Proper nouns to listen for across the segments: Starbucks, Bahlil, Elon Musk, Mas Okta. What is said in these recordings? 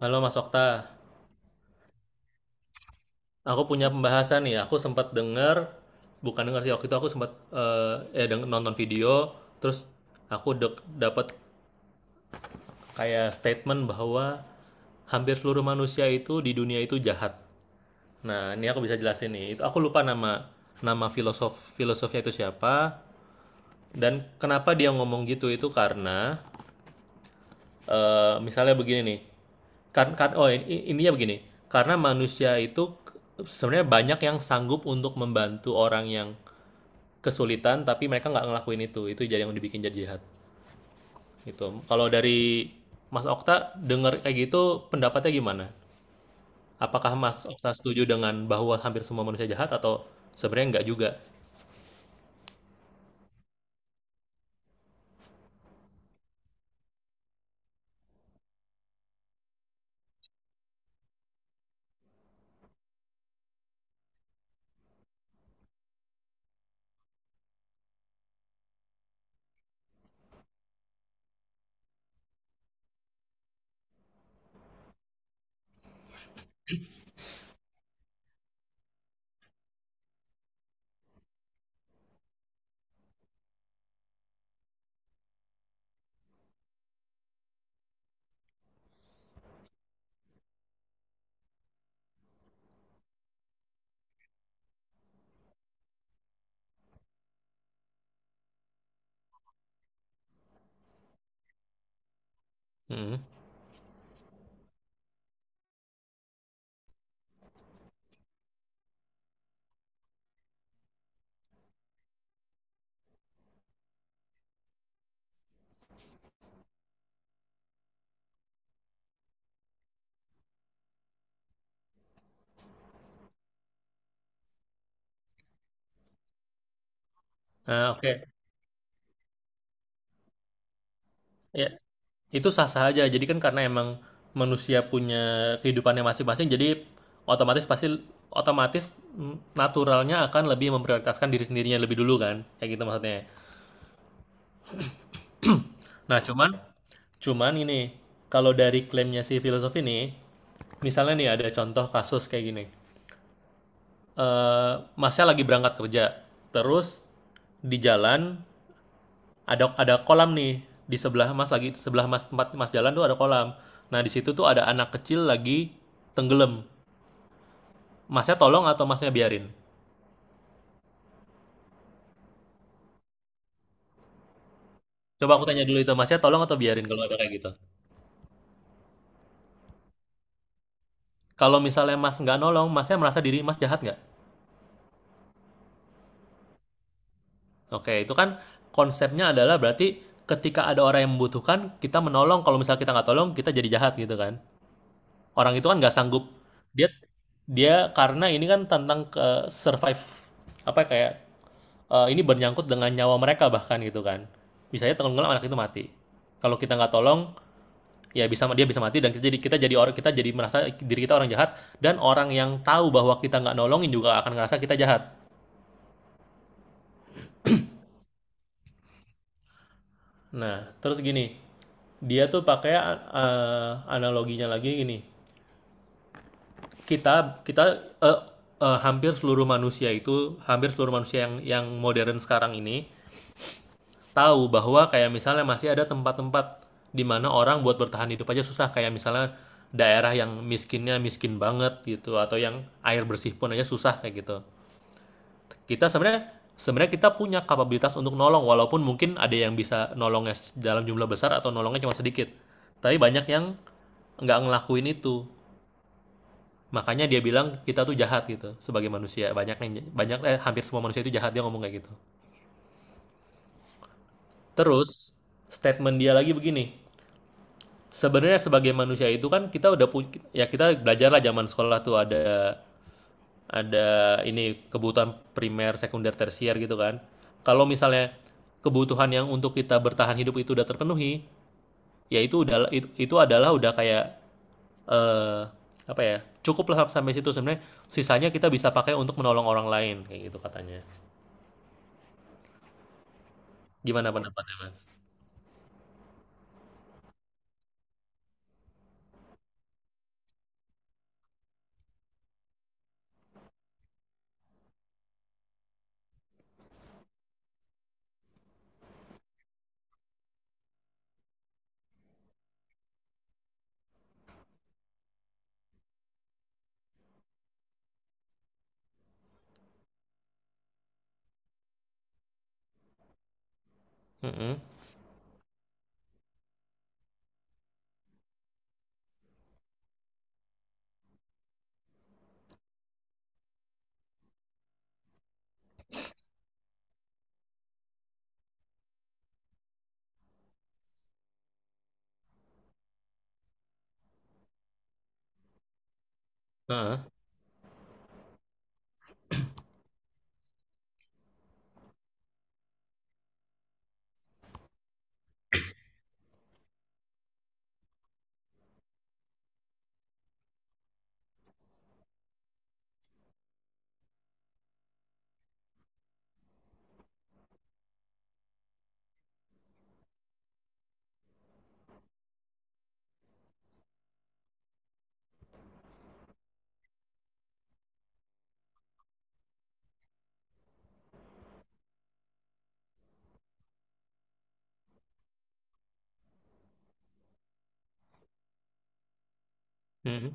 Halo Mas Okta, aku punya pembahasan nih. Aku sempat dengar, bukan dengar sih waktu itu aku sempat nonton video, terus aku dapat kayak statement bahwa hampir seluruh manusia itu di dunia itu jahat. Nah, ini aku bisa jelasin nih. Itu aku lupa nama nama filosof filosofnya itu siapa dan kenapa dia ngomong gitu itu karena misalnya begini nih. Kan kan oh ini intinya begini, karena manusia itu sebenarnya banyak yang sanggup untuk membantu orang yang kesulitan, tapi mereka nggak ngelakuin itu. Itu jadi yang dibikin jadi jahat gitu. Kalau dari Mas Okta dengar kayak gitu, pendapatnya gimana? Apakah Mas Okta setuju dengan bahwa hampir semua manusia jahat atau sebenarnya nggak juga? Hmm. Nah, oke. Ya, itu sah-sah aja. Jadi kan karena emang manusia punya kehidupannya masing-masing, jadi otomatis pasti otomatis naturalnya akan lebih memprioritaskan diri sendirinya lebih dulu kan. Kayak gitu maksudnya. Nah, cuman cuman ini kalau dari klaimnya si filosof ini, misalnya nih ada contoh kasus kayak gini. Eh, Masnya lagi berangkat kerja, terus di jalan ada kolam nih di sebelah mas lagi sebelah mas tempat mas jalan tuh ada kolam. Nah di situ tuh ada anak kecil lagi tenggelam. Masnya tolong atau Masnya biarin? Coba aku tanya dulu itu, Masnya tolong atau biarin kalau ada kayak gitu? Kalau misalnya Mas nggak nolong, Masnya merasa diri Mas jahat nggak? Oke, itu kan konsepnya adalah berarti ketika ada orang yang membutuhkan, kita menolong, kalau misalnya kita nggak tolong, kita jadi jahat gitu kan. Orang itu kan nggak sanggup. Dia dia karena ini kan tentang ke survive, apa ya, kayak, ini bernyangkut dengan nyawa mereka bahkan gitu kan. Misalnya tenggelam anak itu mati. Kalau kita nggak tolong, ya dia bisa mati, dan kita jadi merasa diri kita orang jahat, dan orang yang tahu bahwa kita nggak nolongin juga akan ngerasa kita jahat. Nah, terus gini, dia tuh pakai analoginya lagi gini. Kita kita eh, eh, hampir seluruh manusia itu hampir seluruh manusia yang modern sekarang ini tahu bahwa kayak misalnya masih ada tempat-tempat di mana orang buat bertahan hidup aja susah, kayak misalnya daerah yang miskinnya miskin banget gitu atau yang air bersih pun aja susah kayak gitu. Kita sebenarnya sebenarnya kita punya kapabilitas untuk nolong, walaupun mungkin ada yang bisa nolongnya dalam jumlah besar atau nolongnya cuma sedikit. Tapi banyak yang nggak ngelakuin itu. Makanya dia bilang kita tuh jahat gitu sebagai manusia. Banyak yang banyak eh, Hampir semua manusia itu jahat, dia ngomong kayak gitu. Terus statement dia lagi begini. Sebenarnya sebagai manusia itu kan kita udah punya, ya kita belajar lah zaman sekolah tuh ada ini kebutuhan primer, sekunder, tersier gitu kan. Kalau misalnya kebutuhan yang untuk kita bertahan hidup itu udah terpenuhi, ya itu udah itu adalah udah kayak eh, apa ya? Cukuplah sampai situ sebenarnya. Sisanya kita bisa pakai untuk menolong orang lain kayak gitu katanya. Gimana pendapatnya, Mas? Mm-mm. Heeh. Mm-mm.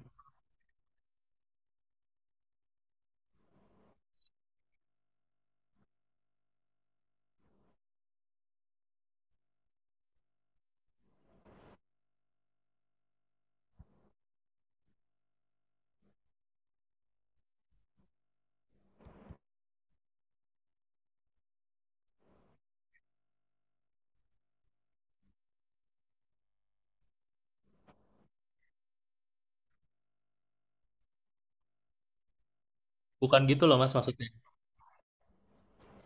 Bukan gitu loh, Mas, maksudnya.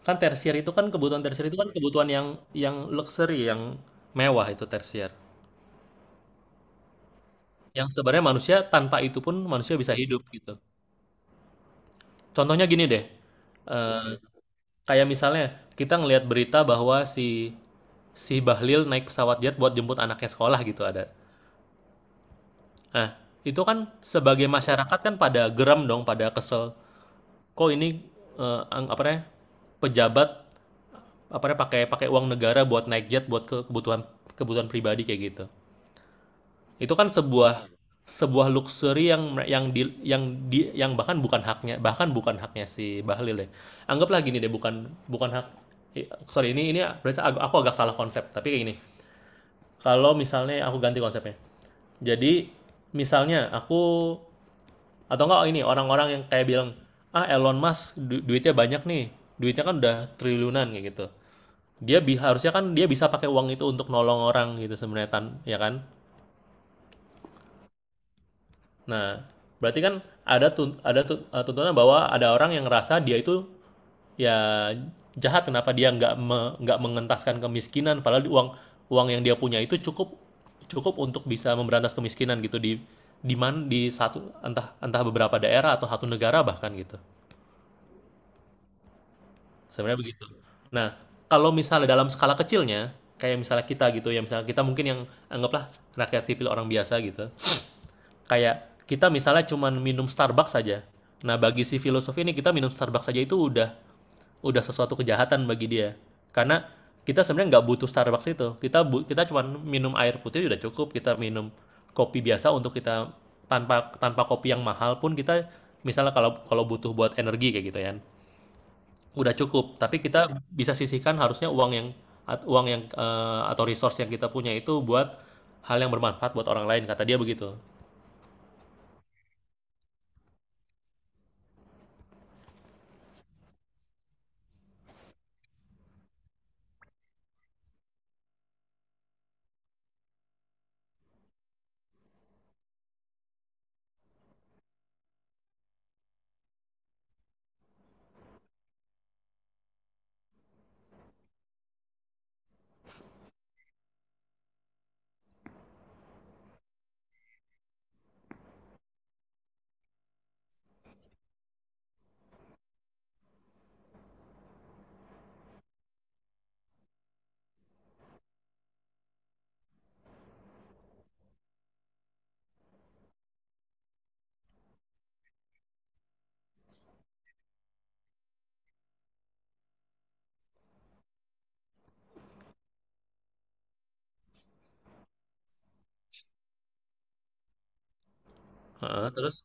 Kan kebutuhan tersier itu kan kebutuhan yang luxury, yang mewah itu tersier. Yang sebenarnya manusia tanpa itu pun manusia bisa hidup gitu. Contohnya gini deh, eee, kayak misalnya kita ngelihat berita bahwa si si Bahlil naik pesawat jet buat jemput anaknya sekolah gitu ada. Nah, itu kan sebagai masyarakat kan pada geram dong, pada kesel, kok ini, eee, ang apa namanya, pejabat, apa namanya, pakai pakai uang negara buat naik jet buat ke kebutuhan kebutuhan pribadi kayak gitu. Itu kan sebuah sebuah luxury yang di yang di yang bahkan bukan haknya, si Bahlil ya. Anggaplah gini deh, bukan bukan hak, sorry ini berarti aku agak salah konsep, tapi kayak gini. Kalau misalnya aku ganti konsepnya. Jadi misalnya aku, atau enggak ini orang-orang yang kayak bilang, "Ah Elon Musk duitnya banyak nih. Duitnya kan udah triliunan kayak gitu." Dia bi Harusnya kan dia bisa pakai uang itu untuk nolong orang gitu sebenarnya ya kan? Nah, berarti kan tuntunan bahwa ada orang yang ngerasa dia itu ya jahat, kenapa dia nggak mengentaskan kemiskinan, padahal uang uang yang dia punya itu cukup cukup untuk bisa memberantas kemiskinan gitu di mana, di satu, entah entah beberapa daerah atau satu negara bahkan gitu. Sebenarnya begitu. Nah, kalau misalnya dalam skala kecilnya kayak misalnya kita gitu ya, misalnya kita mungkin yang anggaplah rakyat sipil orang biasa gitu. Kayak kita misalnya cuman minum Starbucks saja. Nah, bagi si filosof ini kita minum Starbucks saja itu udah sesuatu kejahatan bagi dia. Karena kita sebenarnya nggak butuh Starbucks itu. Kita cuman minum air putih udah cukup. Kita minum kopi biasa untuk kita, tanpa tanpa kopi yang mahal pun kita misalnya kalau kalau butuh buat energi kayak gitu ya. Udah cukup, tapi kita bisa sisihkan harusnya uang yang, uang yang atau resource yang kita punya itu buat hal yang bermanfaat buat orang lain, kata dia begitu. Heeh. Terus.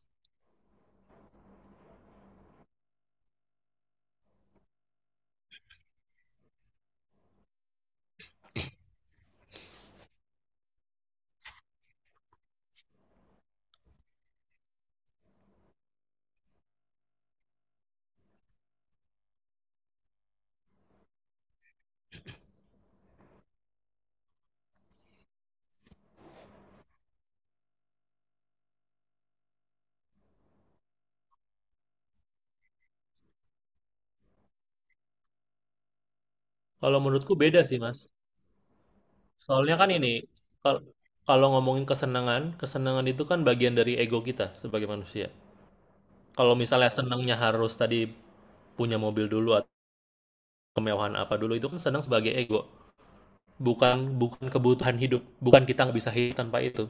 Kalau menurutku beda sih, Mas. Soalnya kan ini, kal- kalau ngomongin kesenangan, kesenangan itu kan bagian dari ego kita sebagai manusia. Kalau misalnya senangnya harus tadi punya mobil dulu atau kemewahan apa dulu, itu kan senang sebagai ego. Bukan bukan kebutuhan hidup, bukan, kita nggak bisa hidup tanpa itu.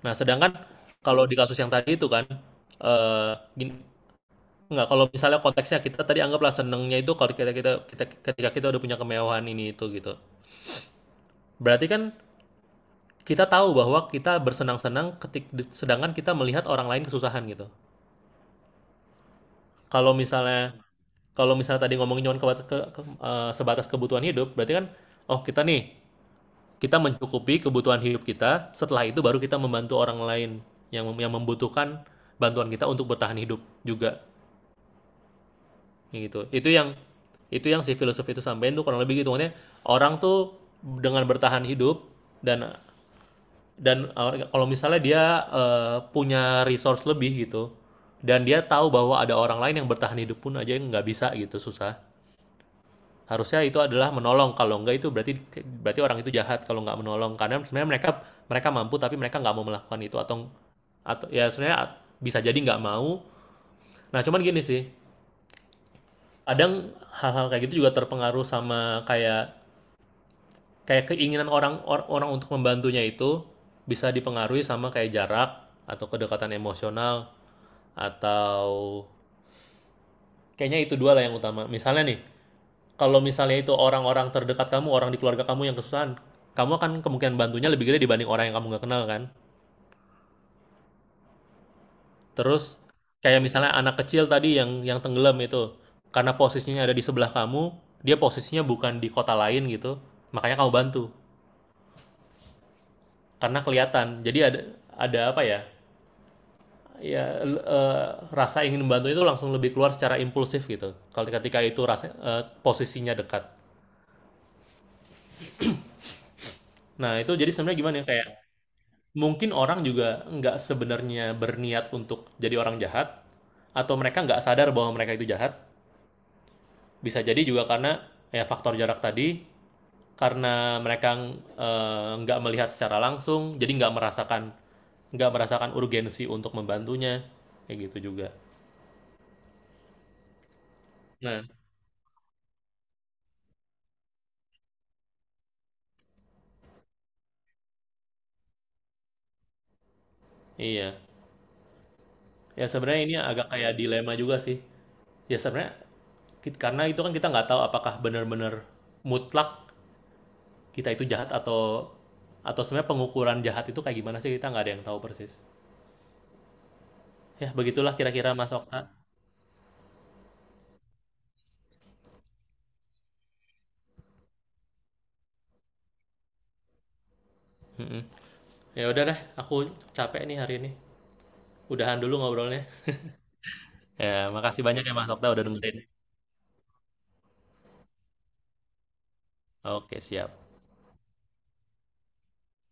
Nah, sedangkan kalau di kasus yang tadi itu kan, eh gini, nggak, kalau misalnya konteksnya kita tadi anggaplah senangnya itu kalau kita kita kita ketika kita udah punya kemewahan ini itu gitu. Berarti kan, kita tahu bahwa kita bersenang-senang sedangkan kita melihat orang lain kesusahan gitu. Kalau misalnya Mhm. Kalau misalnya tadi ngomongin cuma kebat ke eee, sebatas kebutuhan hidup, berarti kan, oh kita nih, kita mencukupi kebutuhan hidup kita, setelah itu baru kita membantu orang lain yang membutuhkan bantuan kita untuk bertahan hidup juga, gitu. Itu yang si filosof itu sampein tuh kurang lebih gitu, maksudnya orang tuh dengan bertahan hidup, dan Dan kalau misalnya dia, punya resource lebih gitu, dan dia tahu bahwa ada orang lain yang bertahan hidup pun aja yang nggak bisa gitu, susah. Harusnya itu adalah menolong, kalau nggak itu berarti berarti orang itu jahat kalau nggak menolong. Karena sebenarnya mereka mereka mampu, tapi mereka nggak mau melakukan itu, atau ya sebenarnya bisa jadi nggak mau. Nah, cuman gini sih, kadang hal-hal kayak gitu juga terpengaruh sama kayak kayak keinginan orang, orang untuk membantunya itu bisa dipengaruhi sama kayak jarak atau kedekatan emosional, atau kayaknya itu dua lah yang utama. Misalnya nih, kalau misalnya itu orang-orang terdekat kamu, orang di keluarga kamu yang kesusahan, kamu akan kemungkinan bantunya lebih gede dibanding orang yang kamu nggak kenal kan. Terus kayak misalnya anak kecil tadi yang tenggelam itu, karena posisinya ada di sebelah kamu, dia posisinya bukan di kota lain gitu, makanya kamu bantu karena kelihatan. Jadi ada apa ya? Rasa ingin membantu itu langsung lebih keluar secara impulsif gitu, kalau ketika itu rasa posisinya dekat. Nah, itu jadi sebenarnya gimana ya? Kayak, mungkin orang juga nggak sebenarnya berniat untuk jadi orang jahat, atau mereka nggak sadar bahwa mereka itu jahat. Bisa jadi juga karena ya faktor jarak tadi, karena mereka nggak melihat secara langsung, jadi nggak merasakan urgensi untuk membantunya, kayak gitu juga. Nah, iya. Ya sebenarnya ini agak kayak dilema juga sih. Ya sebenarnya karena itu kan kita nggak tahu apakah benar-benar mutlak kita itu jahat, atau sebenarnya pengukuran jahat itu kayak gimana sih, kita nggak ada yang tahu persis. Ya begitulah kira-kira Mas Okta. Mhm. Ya udah deh, aku capek nih hari ini. Udahan dulu ngobrolnya. Ya makasih banyak ya Mas Okta udah dengerin. Oke, siap.